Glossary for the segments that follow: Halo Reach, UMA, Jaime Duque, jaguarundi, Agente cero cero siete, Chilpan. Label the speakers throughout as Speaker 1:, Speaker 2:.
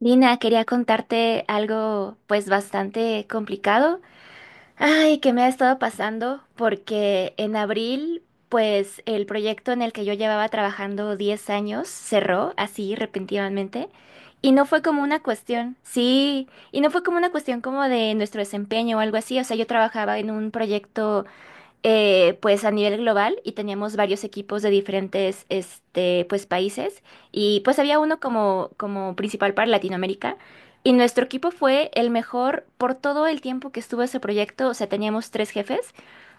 Speaker 1: Lina, quería contarte algo pues bastante complicado. Ay, que me ha estado pasando porque en abril pues el proyecto en el que yo llevaba trabajando 10 años cerró así repentinamente y no fue como una cuestión, sí, y no fue como una cuestión como de nuestro desempeño o algo así, o sea, yo trabajaba en un proyecto pues a nivel global y teníamos varios equipos de diferentes este, pues, países y pues había uno como, como principal para Latinoamérica y nuestro equipo fue el mejor por todo el tiempo que estuvo ese proyecto, o sea, teníamos tres jefes,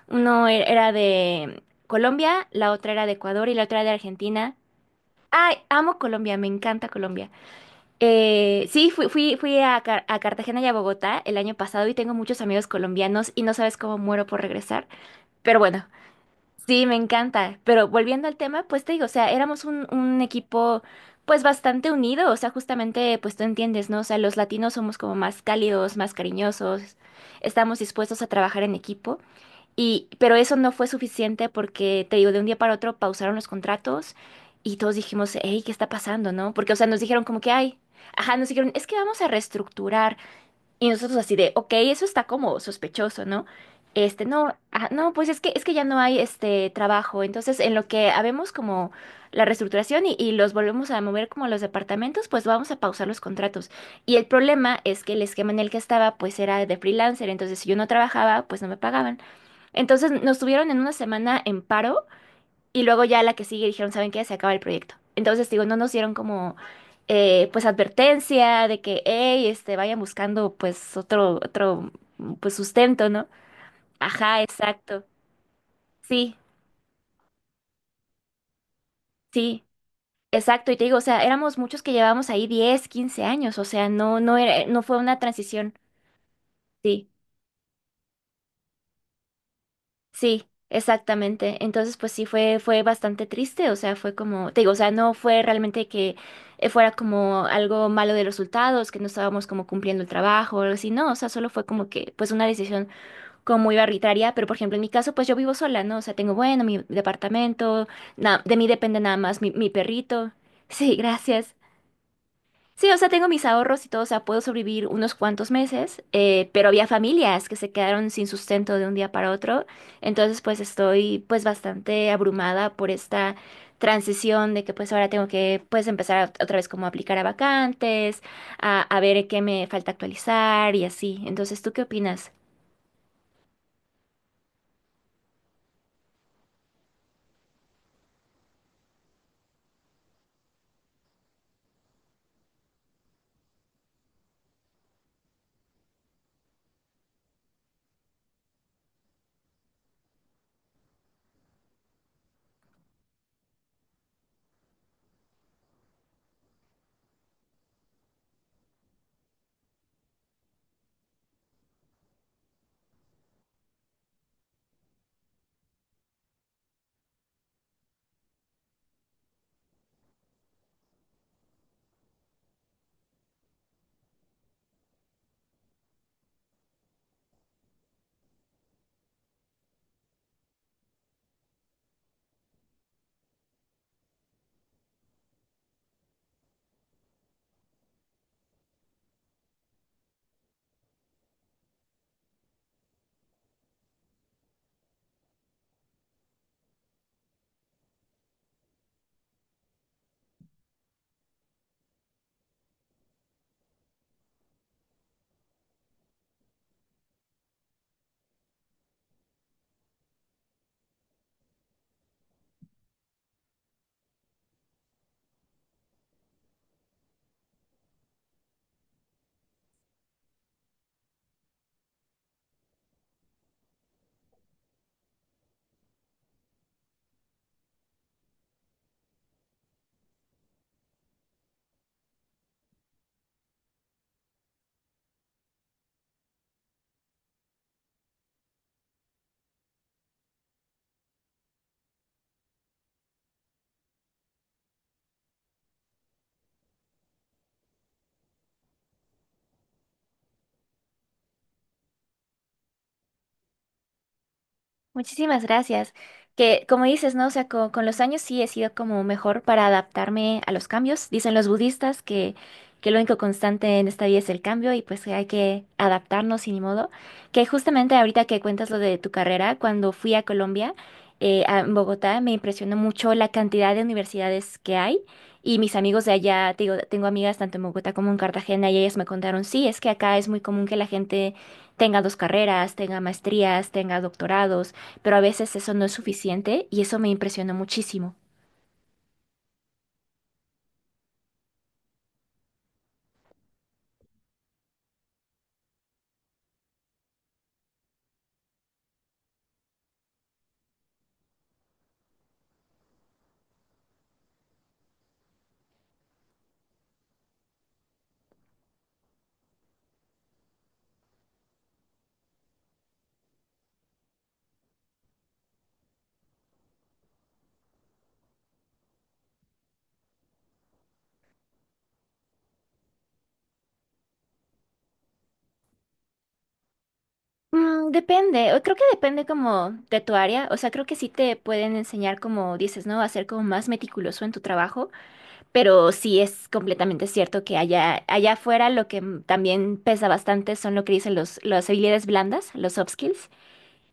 Speaker 1: era de Colombia, la otra era de Ecuador y la otra era de Argentina. Ay, amo Colombia, me encanta Colombia. Sí, fui a Cartagena y a Bogotá el año pasado y tengo muchos amigos colombianos y no sabes cómo muero por regresar. Pero bueno, sí, me encanta. Pero volviendo al tema, pues te digo, o sea, éramos un equipo pues bastante unido, o sea, justamente pues tú entiendes, ¿no? O sea, los latinos somos como más cálidos, más cariñosos, estamos dispuestos a trabajar en equipo y pero eso no fue suficiente porque te digo, de un día para otro pausaron los contratos y todos dijimos, hey, ¿qué está pasando, no? Porque, o sea, nos dijeron como que, ay, ajá, nos dijeron, es que vamos a reestructurar. Y nosotros así de, ok, eso está como sospechoso, ¿no? Este, no, ah, no, pues es que ya no hay este trabajo. Entonces, en lo que habemos como la reestructuración y los volvemos a mover como a los departamentos, pues vamos a pausar los contratos. Y el problema es que el esquema en el que estaba, pues era de freelancer. Entonces, si yo no trabajaba, pues no me pagaban. Entonces, nos tuvieron en una semana en paro y luego ya la que sigue dijeron, ¿saben qué? Se acaba el proyecto. Entonces, digo, no nos dieron como, pues, advertencia de que, hey, este, vayan buscando, pues, otro, otro, mm, pues, sustento, ¿no? Ajá, exacto. Sí, sí, exacto. Y te digo, o sea, éramos muchos que llevábamos ahí 10 15 años, o sea, no, no era, no fue una transición. Sí. Sí, exactamente. Entonces, pues sí fue, fue bastante triste, o sea, fue como, te digo, o sea, no fue realmente que fuera como algo malo de los resultados, que no estábamos como cumpliendo el trabajo o algo así, no, o sea, solo fue como que, pues una decisión como muy arbitraria, pero por ejemplo, en mi caso, pues yo vivo sola, ¿no? O sea, tengo, bueno, mi departamento, de mí depende nada más mi, mi perrito. Sí, gracias. Sí, o sea, tengo mis ahorros y todo, o sea, puedo sobrevivir unos cuantos meses, pero había familias que se quedaron sin sustento de un día para otro, entonces pues estoy pues bastante abrumada por esta transición de que pues ahora tengo que pues otra vez como a aplicar a vacantes, a ver qué me falta actualizar y así. Entonces, ¿tú qué opinas? Muchísimas gracias. Que como dices, ¿no? O sea, con, los años sí he sido como mejor para adaptarme a los cambios. Dicen los budistas que lo único constante en esta vida es el cambio y pues que hay que adaptarnos y ni modo. Que justamente ahorita que cuentas lo de tu carrera, cuando fui a Colombia, a en Bogotá, me impresionó mucho la cantidad de universidades que hay. Y mis amigos de allá, te digo, tengo amigas tanto en Bogotá como en Cartagena y ellas me contaron, sí, es que acá es muy común que la gente tenga dos carreras, tenga maestrías, tenga doctorados pero a veces eso no es suficiente y eso me impresionó muchísimo. Mm, depende, o creo que depende como de tu área, o sea, creo que sí te pueden enseñar como dices, ¿no? A ser como más meticuloso en tu trabajo, pero sí es completamente cierto que allá, allá afuera lo que mm, también pesa bastante son lo que dicen los, las habilidades blandas, los soft skills,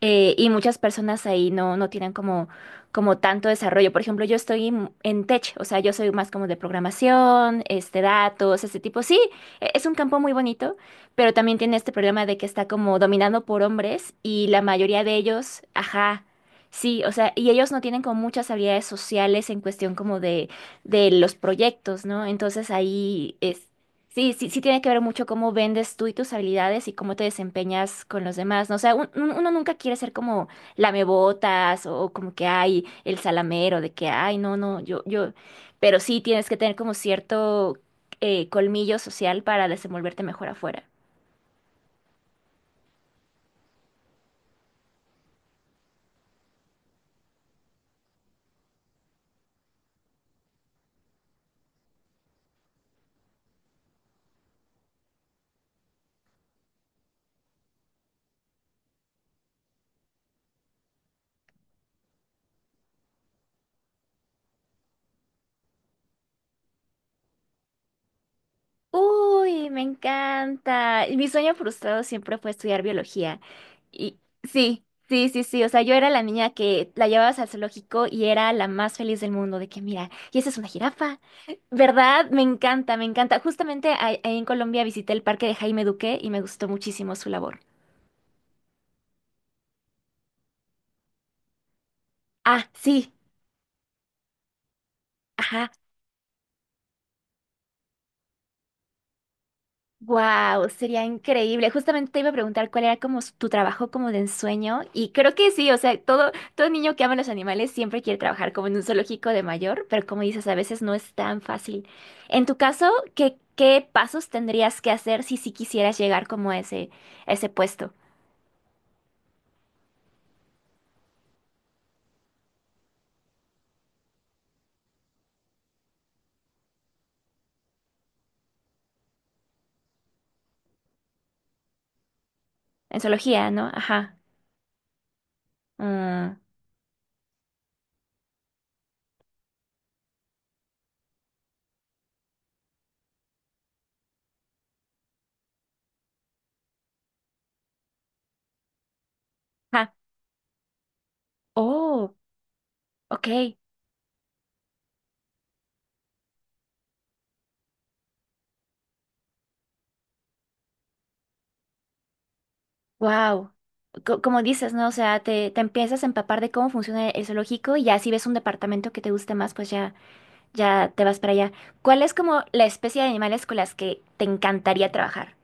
Speaker 1: y muchas personas ahí no, no tienen como, como tanto desarrollo. Por ejemplo, yo estoy en tech, o sea, yo soy más como de programación, este, datos, ese tipo. Sí, es un campo muy bonito, pero también tiene este problema de que está como dominado por hombres y la mayoría de ellos, ajá. Sí, o sea, y ellos no tienen como muchas habilidades sociales en cuestión como de los proyectos, ¿no? Entonces ahí es, sí, sí, sí tiene que ver mucho cómo vendes tú y tus habilidades y cómo te desempeñas con los demás, ¿no? O sea, uno nunca quiere ser como lamebotas o como que hay el salamero de que, ay, no, no, yo, pero sí tienes que tener como cierto colmillo social para desenvolverte mejor afuera. Uy, me encanta. Y mi sueño frustrado siempre fue estudiar biología. Y sí, sí, sí, sí. O sea, yo era la niña que la llevabas al zoológico y era la más feliz del mundo de que, mira, y esa es una jirafa. ¿Verdad? Me encanta, me encanta. Justamente ahí en Colombia visité el parque de Jaime Duque y me gustó muchísimo su labor. Ah, sí, ajá. Wow, sería increíble. Justamente te iba a preguntar cuál era como tu trabajo como de ensueño y creo que sí, o sea, todo niño que ama los animales siempre quiere trabajar como en un zoológico de mayor, pero como dices, a veces no es tan fácil. En tu caso, ¿qué pasos tendrías que hacer si sí quisieras llegar como a ese puesto? En zoología, ¿no? Ajá. Mm, ajá. Oh. Ok, wow. Como dices, ¿no? O sea, te empiezas a empapar de cómo funciona el zoológico y ya si ves un departamento que te guste más, pues ya, ya te vas para allá. ¿Cuál es como la especie de animales con las que te encantaría trabajar?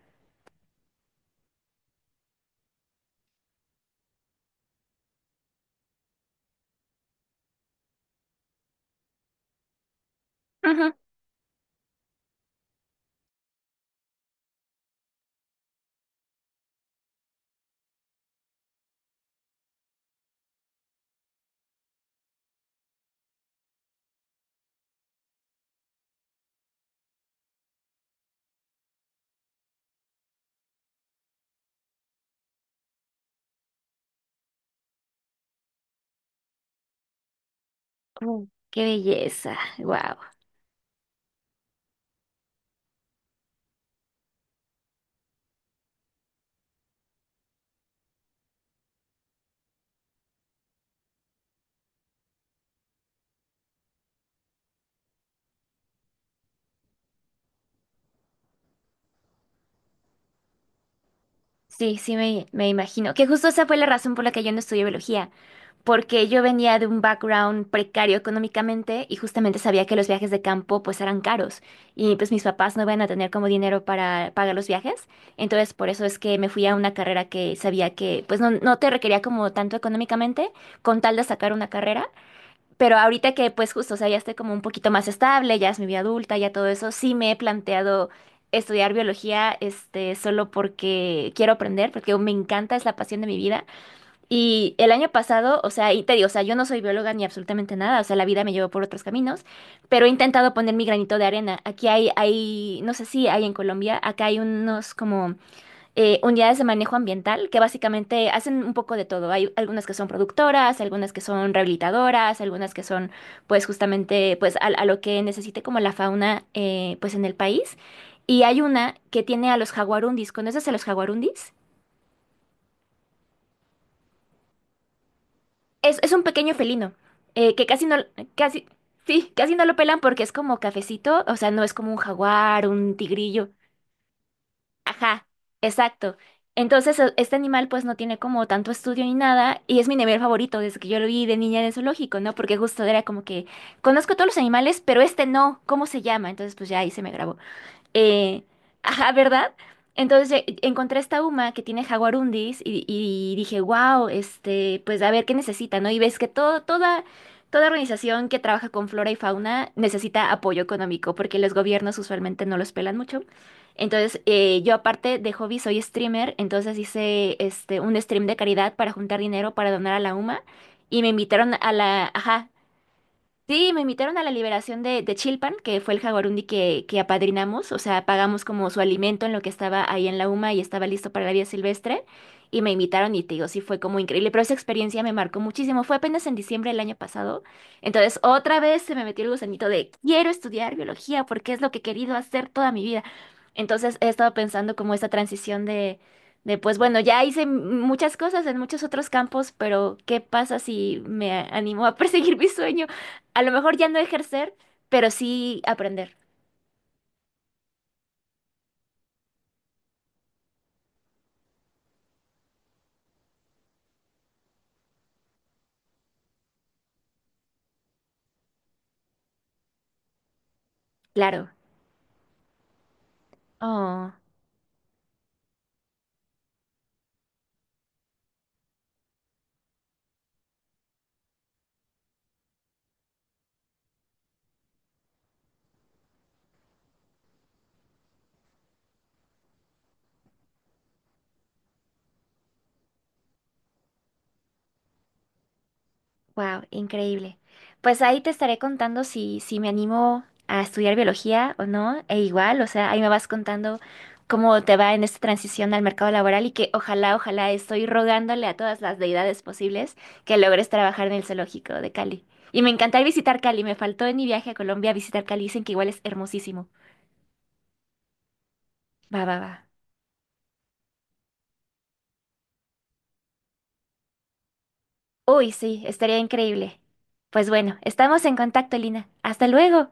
Speaker 1: Ujú. Qué belleza, wow. Sí, sí, me imagino. Que justo esa fue la razón por la que yo no estudié biología. Porque yo venía de un background precario económicamente y justamente sabía que los viajes de campo pues eran caros y pues mis papás no iban a tener como dinero para pagar los viajes, entonces por eso es que me fui a una carrera que sabía que pues no, no te requería como tanto económicamente con tal de sacar una carrera, pero ahorita que pues justo, o sea, ya estoy como un poquito más estable, ya es mi vida adulta, ya todo eso, sí me he planteado... estudiar biología, este, solo porque quiero aprender, porque me encanta, es la pasión de mi vida. Y el año pasado, o sea, y te digo, o sea, yo no soy bióloga ni absolutamente nada, o sea, la vida me llevó por otros caminos, pero he intentado poner mi granito de arena. Aquí hay, no sé si hay en Colombia, acá hay unos como unidades de manejo ambiental que básicamente hacen un poco de todo. Hay algunas que son productoras, algunas que son rehabilitadoras, algunas que son, pues, justamente, pues, a lo que necesite como la fauna, pues, en el país. Y hay una que tiene a los jaguarundis. ¿Conoces a los jaguarundis? Es un pequeño felino, que casi no, casi, sí, casi no lo pelan porque es como cafecito, o sea, no es como un jaguar, un tigrillo. Ajá, exacto. Entonces, este animal pues no tiene como tanto estudio ni nada, y es mi nivel favorito desde que yo lo vi de niña en el zoológico, ¿no? Porque justo era como que conozco todos los animales, pero este no, ¿cómo se llama? Entonces, pues ya ahí se me grabó. Eh, ajá, ¿verdad? Entonces encontré esta UMA que tiene jaguarundis y dije, wow, este, pues a ver qué necesita, ¿no? Y ves que todo, toda, toda organización que trabaja con flora y fauna necesita apoyo económico porque los gobiernos usualmente no los pelan mucho. Entonces, yo aparte de hobby soy streamer, entonces hice este, un stream de caridad para juntar dinero para donar a la UMA y me invitaron a la, ajá, sí, me invitaron a la liberación de Chilpan, que fue el jaguarundi que apadrinamos, o sea, pagamos como su alimento en lo que estaba ahí en la UMA y estaba listo para la vida silvestre, y me invitaron y te digo, sí fue como increíble, pero esa experiencia me marcó muchísimo, fue apenas en diciembre del año pasado, entonces otra vez se me metió el gusanito de quiero estudiar biología porque es lo que he querido hacer toda mi vida, entonces he estado pensando como esta transición de pues bueno, ya hice muchas cosas en muchos otros campos, pero ¿qué pasa si me animo a perseguir mi sueño? A lo mejor ya no ejercer, pero sí aprender. Claro. Oh, wow, increíble. Pues ahí te estaré contando si, si me animo a estudiar biología o no, e igual, o sea, ahí me vas contando cómo te va en esta transición al mercado laboral y que ojalá, ojalá estoy rogándole a todas las deidades posibles que logres trabajar en el zoológico de Cali. Y me encantaría visitar Cali, me faltó en mi viaje a Colombia visitar Cali, dicen que igual es hermosísimo. Va, va, va. Uy, sí, estaría increíble. Pues bueno, estamos en contacto, Lina. Hasta luego.